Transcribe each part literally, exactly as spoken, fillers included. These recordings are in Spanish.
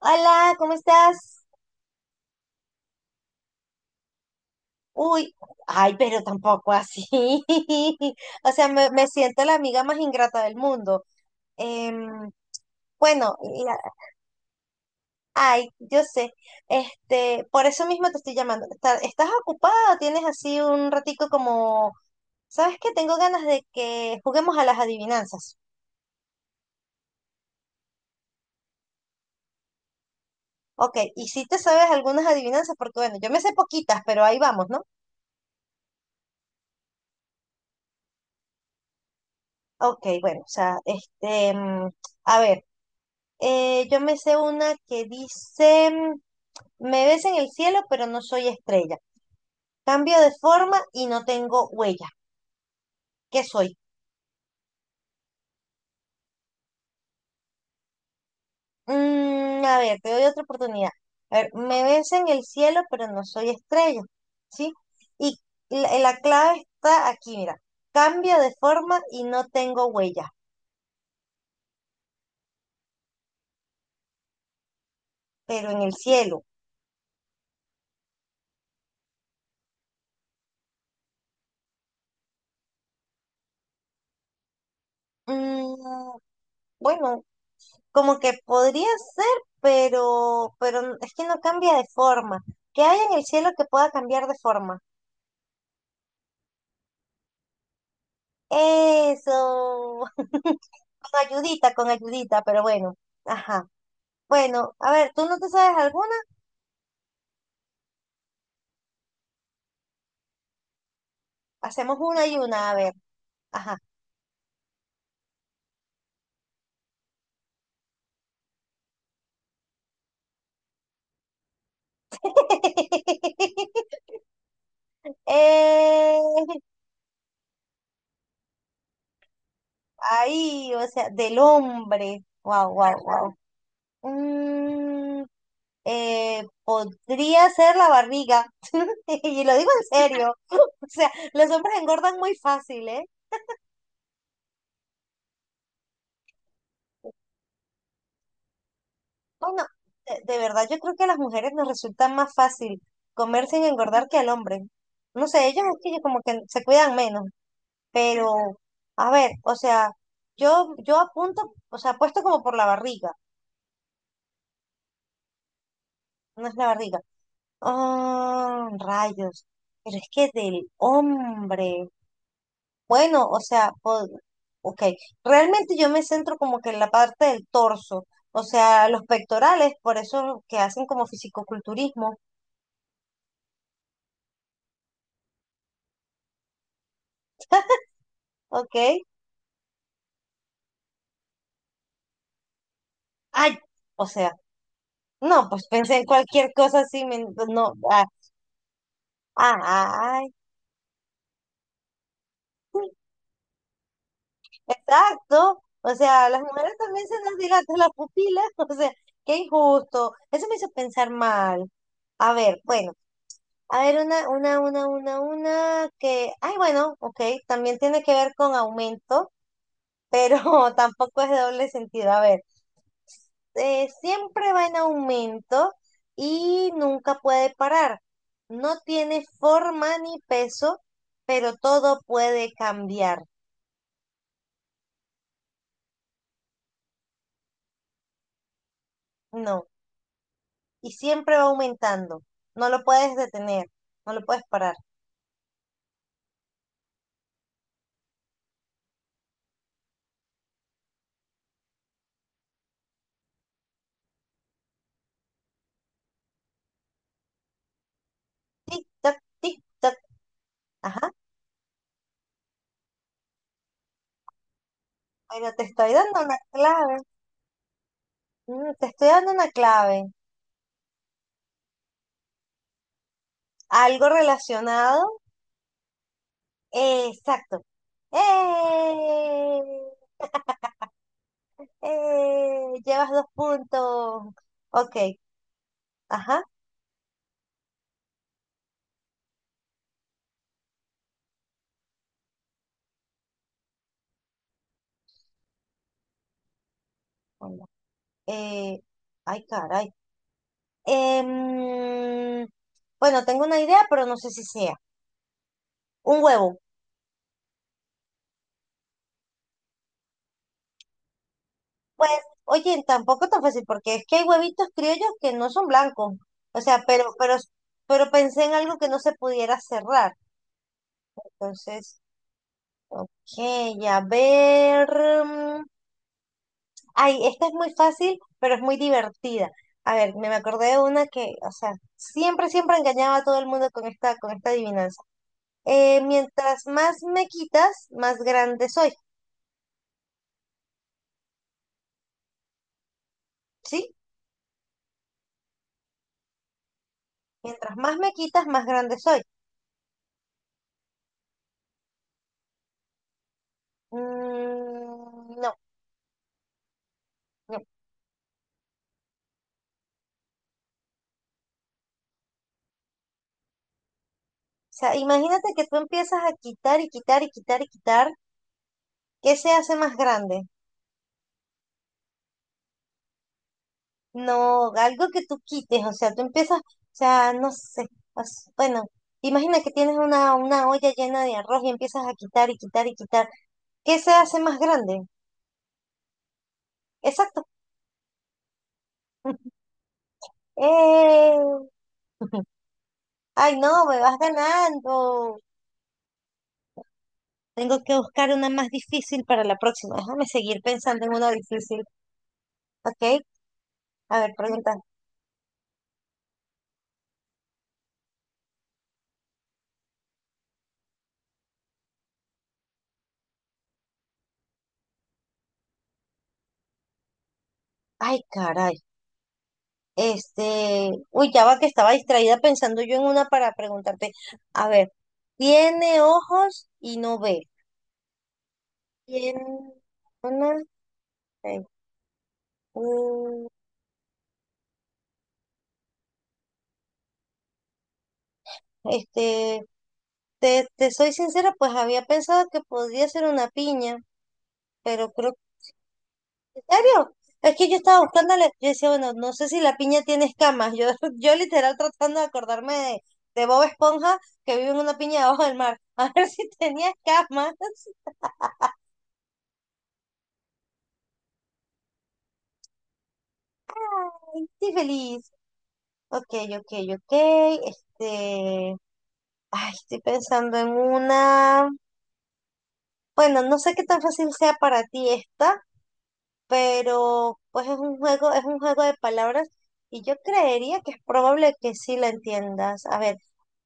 Hola, ¿cómo estás? Uy, ay, pero tampoco así. O sea, me, me siento la amiga más ingrata del mundo. Em, bueno, la- ay, yo sé. Este, por eso mismo te estoy llamando. ¿Está- ¿Estás ocupada o tienes así un ratico como, sabes que tengo ganas de que juguemos a las adivinanzas? Ok, y si te sabes algunas adivinanzas, porque bueno, yo me sé poquitas, pero ahí vamos, ¿no? Ok, bueno, o sea, este, em, a ver. Eh, yo me sé una que dice, me ves en el cielo, pero no soy estrella. Cambio de forma y no tengo huella. ¿Qué soy? Mm, a ver, te doy otra oportunidad. A ver, me ves en el cielo, pero no soy estrella. ¿Sí? Y la, la clave está aquí, mira. Cambio de forma y no tengo huella, pero en el cielo. Mm, bueno, como que podría ser, pero, pero n- es que no cambia de forma. ¿Qué hay en el cielo que pueda cambiar de forma? Eso. Con ayudita, con ayudita, pero bueno. Ajá. Bueno, a ver, ¿tú no te sabes alguna? Hacemos una y una, a ver. Ajá. Eh, ahí, o sea, del hombre. Wow, wow, wow. eh, podría ser la barriga. Y lo digo en serio. O sea, los hombres engordan muy fácil, ¿eh? Bueno, de, de verdad yo creo que a las mujeres nos resulta más fácil comer sin engordar que al hombre. No sé, ellos es que como que se cuidan menos. Pero, a ver, o sea, yo, yo apunto, o sea, apuesto como por la barriga. No es la barriga. Oh, rayos. Pero es que del hombre. Bueno, o sea, pod- ok, realmente yo me centro como que en la parte del torso, o sea, los pectorales, por eso que hacen como fisicoculturismo, ok. Ay, o sea, no, pues pensé en cualquier cosa así, me- no, ah, ah, ay, exacto, o sea, las mujeres también se nos dilatan las pupilas, o sea, qué injusto, eso me hizo pensar mal. A ver, bueno. A ver, una, una, una, una, una que, ay, bueno, ok, también tiene que ver con aumento, pero tampoco es de doble sentido. A ver, eh, siempre va en aumento y nunca puede parar. No tiene forma ni peso, pero todo puede cambiar. No, y siempre va aumentando. No lo puedes detener, no lo puedes parar. Tic, tac, tic, tac. Ajá, pero te estoy dando una clave. Mm, te estoy dando una clave. Algo relacionado. eh, exacto. ¡Eh! ¡Eh! Llevas dos puntos. Ok. Ajá. Bueno, eh, ay, caray. Em, bueno, tengo una idea, pero no sé si sea. Un huevo. Pues, oye, tampoco tan fácil, porque es que hay huevitos criollos que no son blancos. O sea, pero, pero, pero pensé en algo que no se pudiera cerrar. Entonces, ok, a ver. mm, Ay, esta es muy fácil, pero es muy divertida. A ver, me me acordé de una que, o sea, siempre, siempre engañaba a todo el mundo con esta, con esta, adivinanza. Eh, mientras más me quitas, más grande soy, ¿sí? Mientras más me quitas, más grande soy. Mm, no, no. O sea, imagínate que tú empiezas a quitar y quitar y quitar y quitar. ¿Qué se hace más grande? No, algo que tú quites, o sea, tú empiezas, o sea, no sé, as- bueno, imagina que tienes una, una olla llena de arroz y empiezas a quitar y quitar y quitar. ¿Qué se hace más grande? Exacto. ¡Eh! Ay, no, me vas ganando. Tengo que buscar una más difícil para la próxima. Déjame seguir pensando en una difícil. Ok, a ver, pregunta. Ay, caray. Este, uy, ya va que estaba distraída pensando yo en una para preguntarte. A ver, tiene ojos y no ve. Tiene una, eh, mm, este, te, te soy sincera, pues había pensado que podría ser una piña, pero creo que, ¿en serio? Es que yo estaba buscándole, yo decía, bueno, no sé si la piña tiene escamas. Yo, yo literal tratando de acordarme de, de Bob Esponja que vive en una piña debajo del mar. A ver si tenía escamas. Ay, estoy feliz. Ok, ok, ok. Este, ay, estoy pensando en una. Bueno, no sé qué tan fácil sea para ti esta, pero pues es un juego, es un juego de palabras y yo creería que es probable que sí la entiendas. A ver,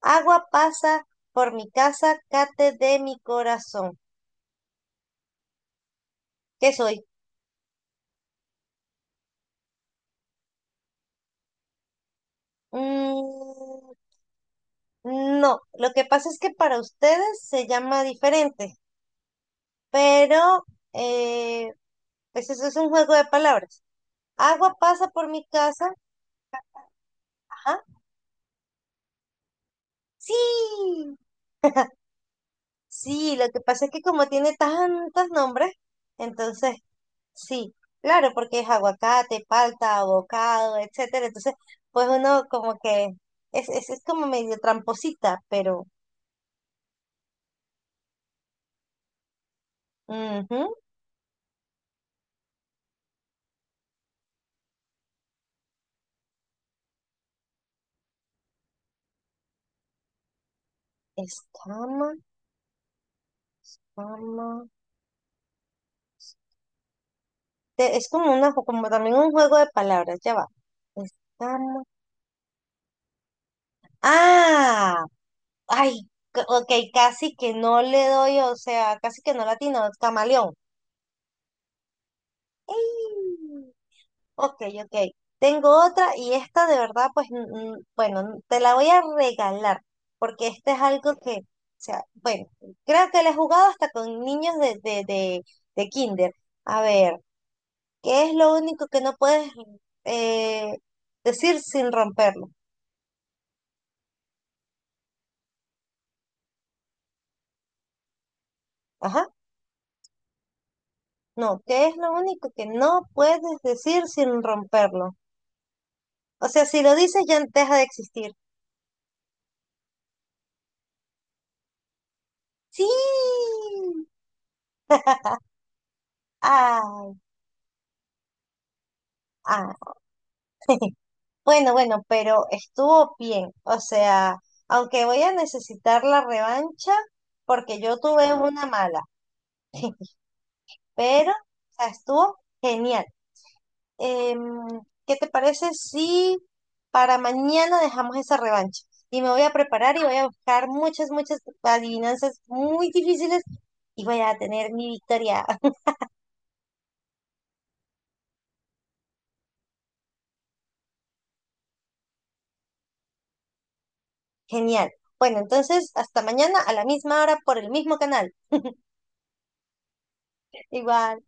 agua pasa por mi casa, cate de mi corazón. ¿Qué soy? Mm, no, lo que pasa es que para ustedes se llama diferente, pero eh, pues eso es un juego de palabras. Agua pasa por mi casa. Ajá. Sí, sí, lo que pasa es que como tiene tantos nombres, entonces sí, claro, porque es aguacate, palta, abocado, etcétera. Entonces, pues uno como que es, es, es como medio tramposita, pero ujú. Escama, cama. Te- Es como una, ju- como también un juego de palabras, ya va. Escama. Ah, ay, c- ok, casi que no le doy, o sea, casi que no latino, camaleón. ¡Ey! Ok, ok. Tengo otra y esta de verdad, pues, n- n- bueno, n- te la voy a regalar, porque este es algo que, o sea, bueno, creo que la he jugado hasta con niños de, de, de, de kinder. A ver, ¿qué es lo único que no puedes eh, decir sin romperlo? Ajá, no, ¿qué es lo único que no puedes decir sin romperlo? O sea, si lo dices ya deja de existir. Sí. Ah, ah. Bueno, bueno, pero estuvo bien. O sea, aunque voy a necesitar la revancha porque yo tuve una mala, pero o sea, estuvo genial. Em, ¿qué te parece si para mañana dejamos esa revancha? Y me voy a preparar y voy a buscar muchas, muchas adivinanzas muy difíciles y voy a tener mi victoria. Genial. Bueno, entonces hasta mañana a la misma hora por el mismo canal. Igual.